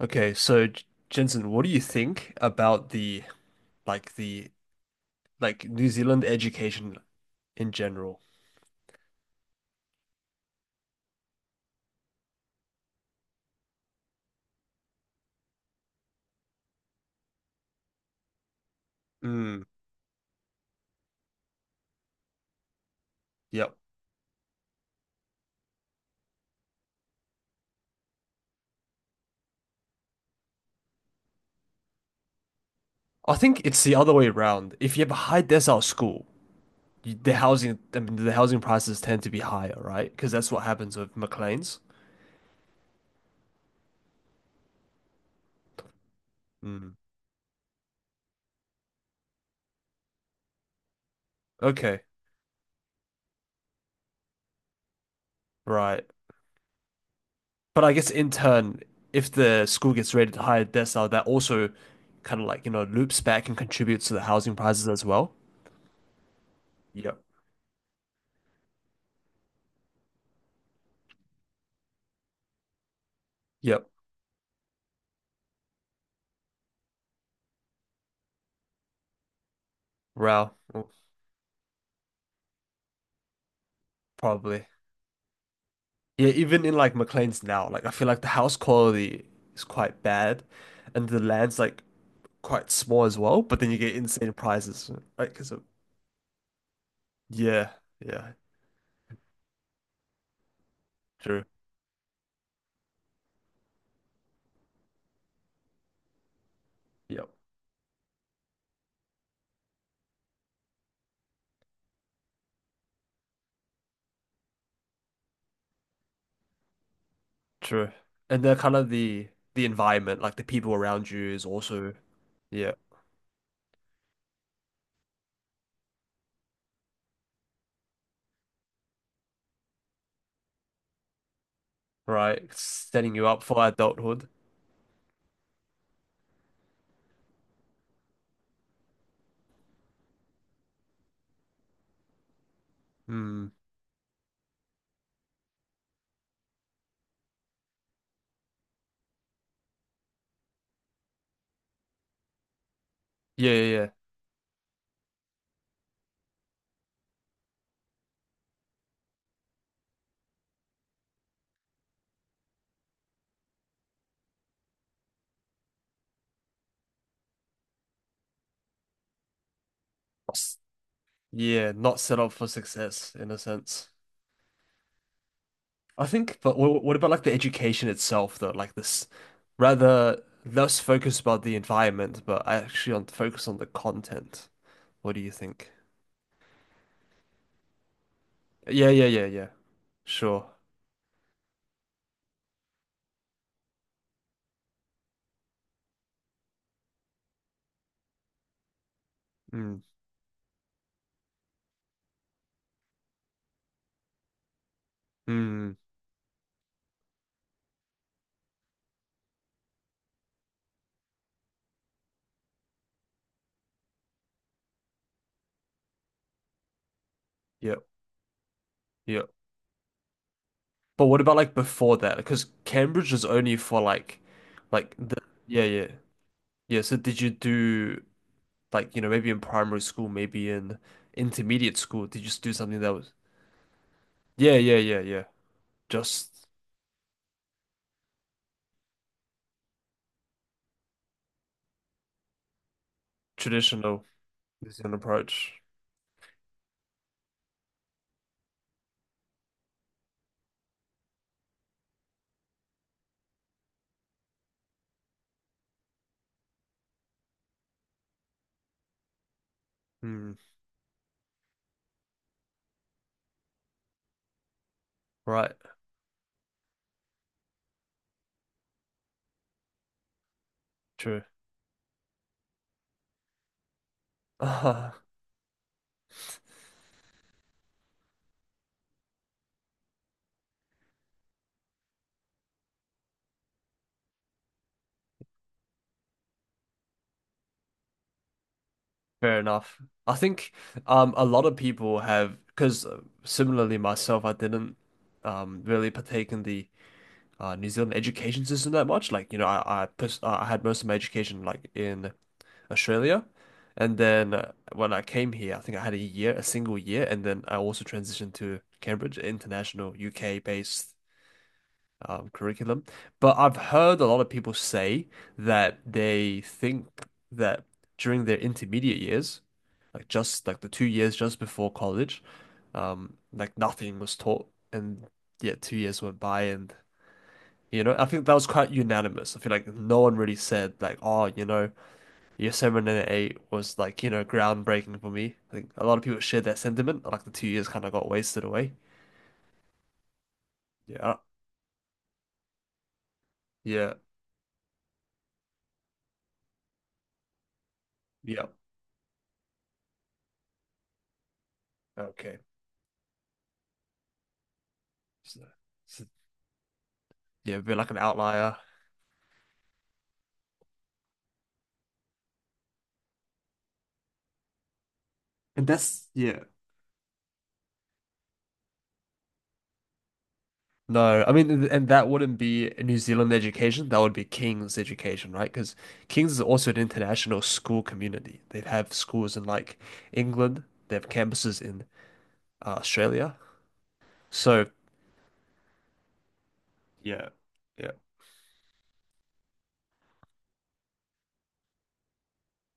Okay, so J- Jensen, what do you think about the New Zealand education in general? Mm, yep. I think it's the other way around. If you have a high decile school, you, the housing I mean, the housing prices tend to be higher, right? Because that's what happens with Maclean's. Mm, okay, right. But I guess in turn, if the school gets rated higher decile, that also kind of like, you know, loops back and contributes to the housing prices as well. Yep. Yep. Wow. Probably. Yeah, even in like McLean's now, like I feel like the house quality is quite bad, and the land's like quite small as well. But then you get insane prices, right? Because of yeah, yeah, true, yep, true. And the environment, like the people around you, is also yeah, right, setting you up for adulthood. Hmm. Yeah, yeah, yeah, S- yeah, not set up for success in a sense. I think, but what about like the education itself, though? Like this, rather less focus about the environment, but actually on focus on the content. What do you think? Yeah, yeah, yeah, yeah. Sure. Mm, mm, yeah, yeah. But what about like before that? Because Cambridge is only for like the yeah, yeah, yeah. So did you do like you know maybe in primary school, maybe in intermediate school? Did you just do something that was yeah, yeah, yeah, yeah, just traditional New Zealand approach? Hmm. Right. True. Fair enough. I think a lot of people have because similarly myself, I didn't really partake in the New Zealand education system that much. Like you know, I I had most of my education like in Australia, and then when I came here, I think I had a single year, and then I also transitioned to Cambridge International UK based curriculum. But I've heard a lot of people say that they think that during their intermediate years, like just like the 2 years just before college, like nothing was taught, and yet 2 years went by, and you know, I think that was quite unanimous. I feel like no one really said like, oh, you know, year seven and eight was like, you know, groundbreaking for me. I think a lot of people shared that sentiment. Like the 2 years kind of got wasted away. Yeah, yeah, yeah. Okay. So, so yeah, be like an outlier. And that's, yeah. No, I mean, and that wouldn't be a New Zealand education. That would be King's education, right? Because King's is also an international school community. They have schools in like England. They have campuses in Australia. So yeah. Yeah,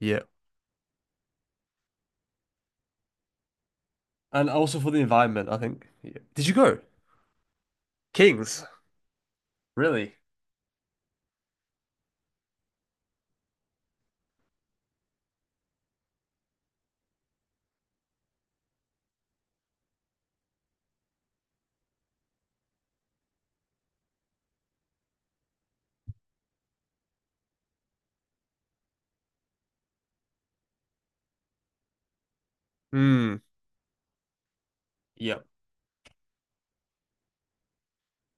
yeah, and also for the environment, I think. Yeah. Did you go King's? Really? Mm. Yep.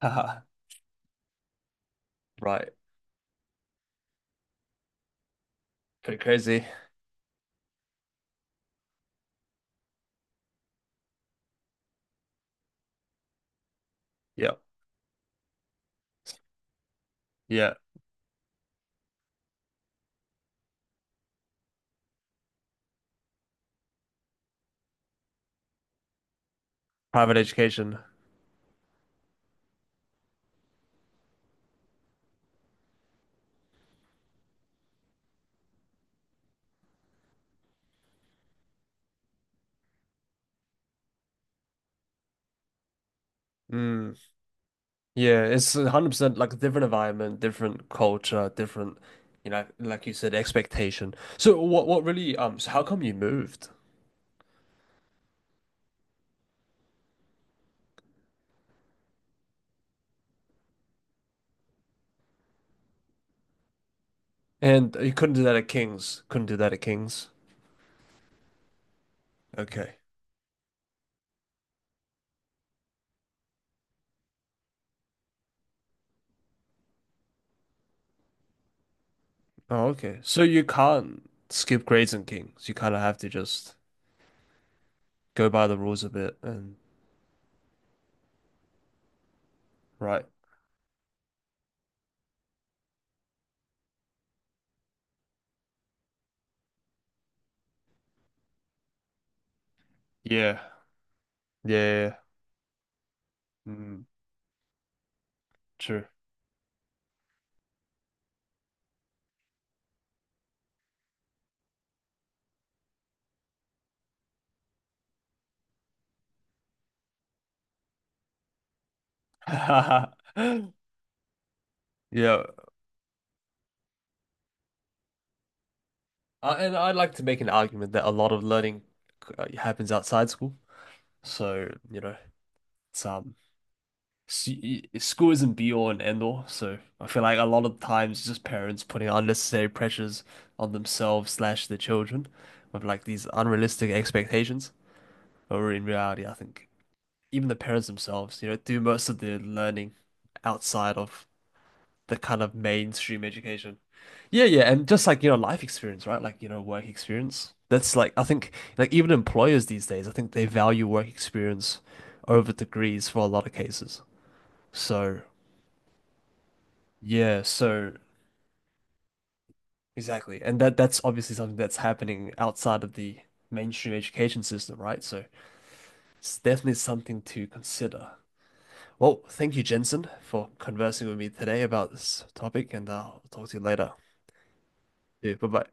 Haha. Right. Pretty crazy. Yeah. Yeah. Private education. Mm. Yeah, it's 100% like a different environment, different culture, different, you know, like you said, expectation. So what really so how come you moved? And you couldn't do that at King's. Couldn't do that at King's. Okay. Oh, okay. So you can't skip grades in King's. You kind of have to just go by the rules a bit and right. Yeah. Yeah. Yeah. Yeah. Mm, true. Yeah. And I'd like to make an argument that a lot of learning happens outside school. So, you know, it's school isn't be all and end all, so I feel like a lot of times it's just parents putting unnecessary pressures on themselves slash their children with like these unrealistic expectations. Or in reality, I think even the parents themselves, you know, do most of their learning outside of the kind of mainstream education. Yeah, yeah, and just like, you know, life experience, right? Like, you know, work experience. That's like I think like even employers these days, I think they value work experience over degrees for a lot of cases. So yeah, so exactly. And that's obviously something that's happening outside of the mainstream education system, right? So it's definitely something to consider. Well, thank you, Jensen, for conversing with me today about this topic, and I'll talk to you later. Yeah, bye-bye.